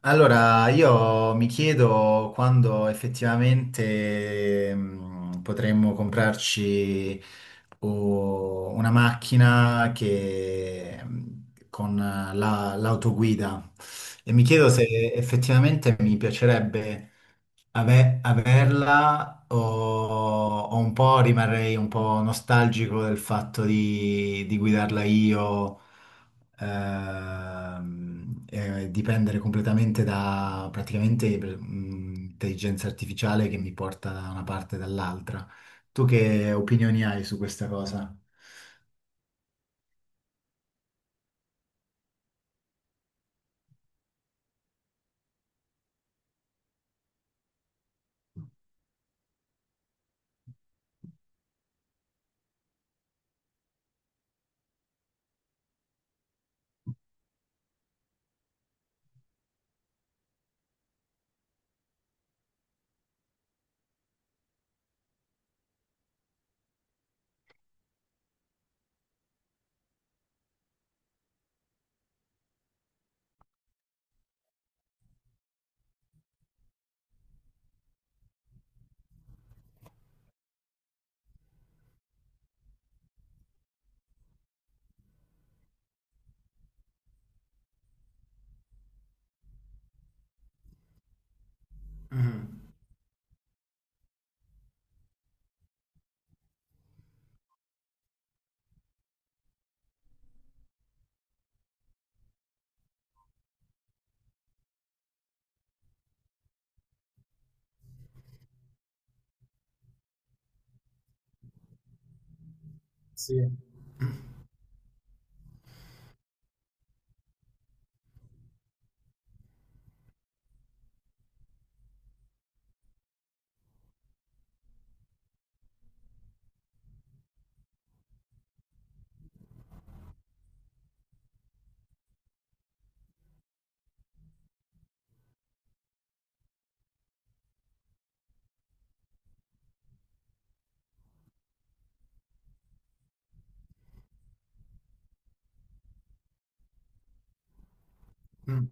Allora, io mi chiedo quando effettivamente potremmo comprarci una macchina che con l'autoguida e mi chiedo se effettivamente mi piacerebbe averla o un po' rimarrei un po' nostalgico del fatto di guidarla io e dipendere completamente da praticamente intelligenza artificiale che mi porta da una parte e dall'altra. Tu che opinioni hai su questa cosa? Mhm. Sì. Mm.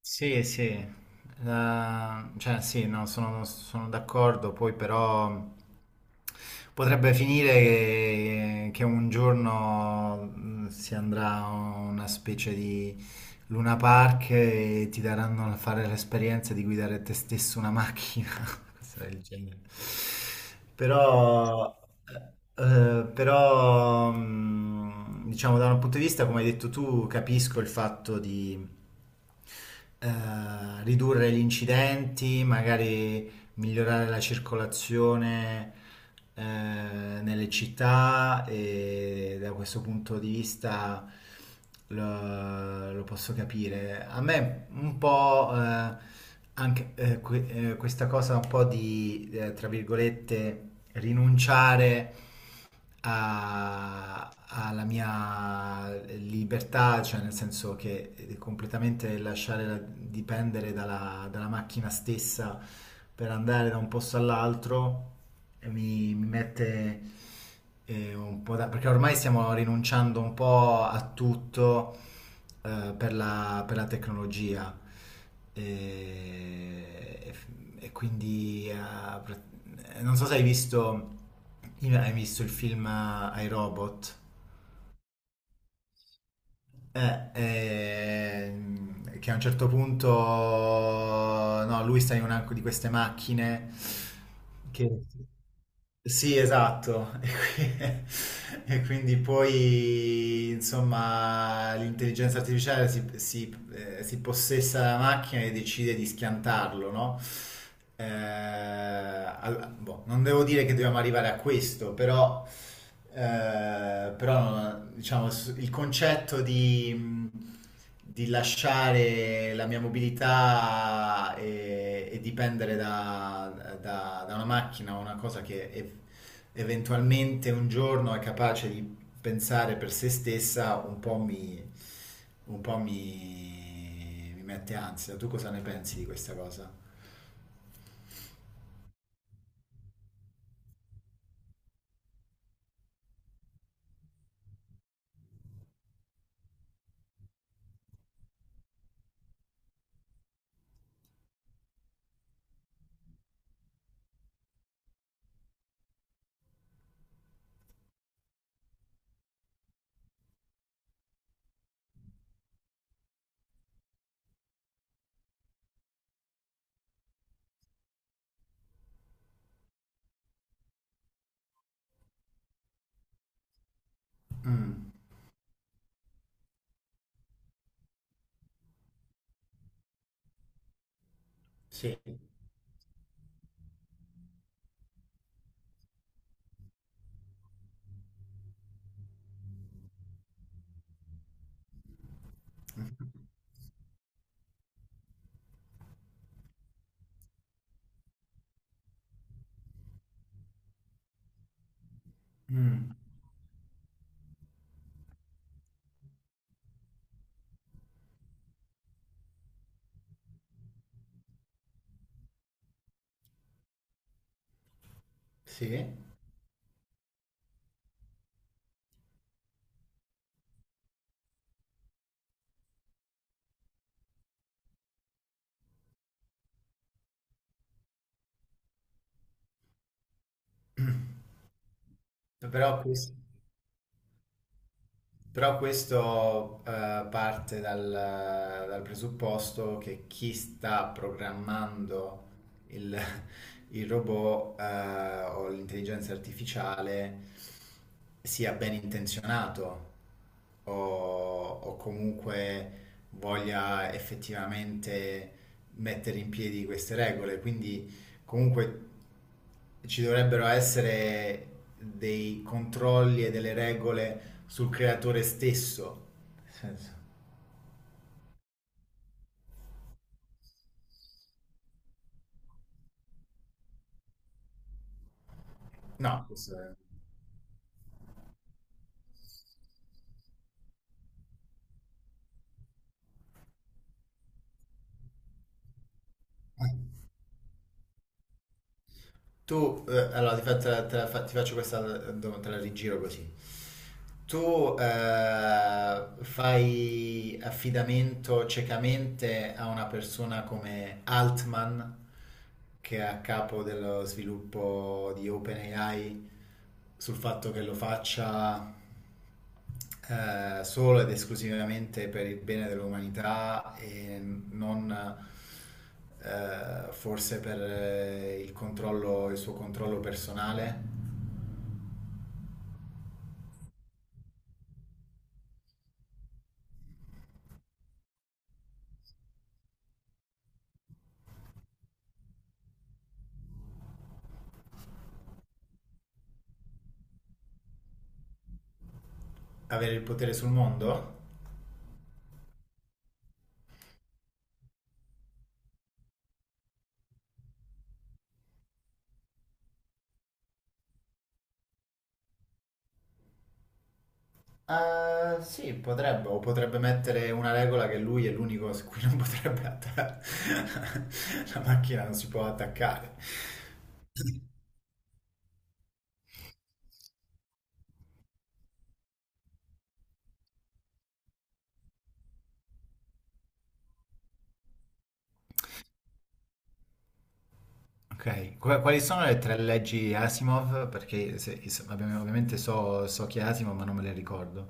Sì, sì. Cioè sì, no, sono d'accordo, poi però potrebbe finire che un giorno si andrà a una specie di Luna Park e ti daranno a fare l'esperienza di guidare te stesso una macchina, cose del genere. Però, però, diciamo, da un punto di vista, come hai detto tu, capisco il fatto di ridurre gli incidenti, magari migliorare la circolazione nelle città e da questo punto di vista lo posso capire. A me un po' anche questa cosa un po' di tra virgolette, rinunciare alla mia libertà, cioè nel senso che completamente dipendere dalla macchina stessa per andare da un posto all'altro mi mette un po' da, perché ormai stiamo rinunciando un po' a tutto per per la tecnologia e, e f- e quindi pra- non so se hai visto, hai visto il film I Robot. Che a un certo punto no, lui sta in una di queste macchine che. Sì, esatto. E, e quindi poi, insomma, l'intelligenza artificiale si, si possessa della macchina e decide di schiantarlo, no? Boh, non devo dire che dobbiamo arrivare a questo, però, però diciamo, il concetto di lasciare la mia mobilità e dipendere da una macchina o una cosa che eventualmente un giorno è capace di pensare per se stessa, un po' mi, un po' mi mette ansia. Tu cosa ne pensi di questa cosa? Mm, sì. Mm, sì. Però questo. Però questo parte dal presupposto che chi sta programmando il, il robot o l'intelligenza artificiale sia ben intenzionato o comunque voglia effettivamente mettere in piedi queste regole. Quindi, comunque, ci dovrebbero essere dei controlli e delle regole sul creatore stesso. Nel senso. No, questo è... Tu, allora ti, fa- te la fa- ti faccio questa domanda, te la rigiro così. Tu fai affidamento ciecamente a una persona come Altman, che è a capo dello sviluppo di OpenAI, sul fatto che lo faccia solo ed esclusivamente per il bene dell'umanità e non forse per il controllo, il suo controllo personale, avere il potere sul mondo? Sì, potrebbe, o potrebbe mettere una regola che lui è l'unico su cui non potrebbe attaccare. La macchina non si può attaccare. Ok, quali sono le tre leggi Asimov? Perché ovviamente so, so chi è Asimov, ma non me le ricordo.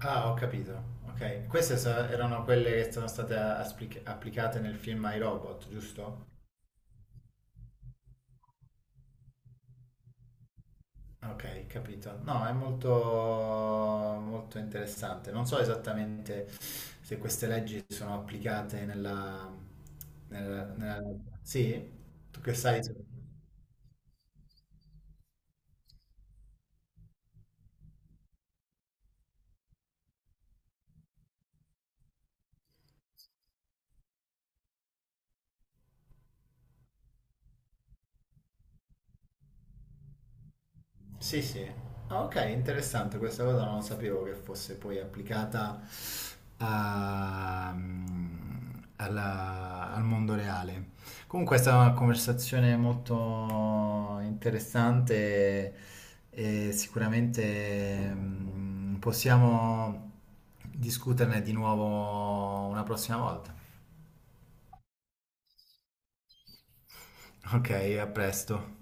Ah, ho capito. Ok, queste erano quelle che sono state applicate nel film ai robot, giusto? Ok, capito. No, è molto, molto interessante. Non so esattamente se queste leggi sono applicate nella, nella... Sì? Tu che sai? Sì, sì. Ah, ok, interessante, questa cosa non sapevo che fosse poi applicata a- mm, al mondo reale. Comunque è stata una conversazione molto interessante e sicuramente possiamo discuterne di nuovo una prossima volta. Ok, a presto.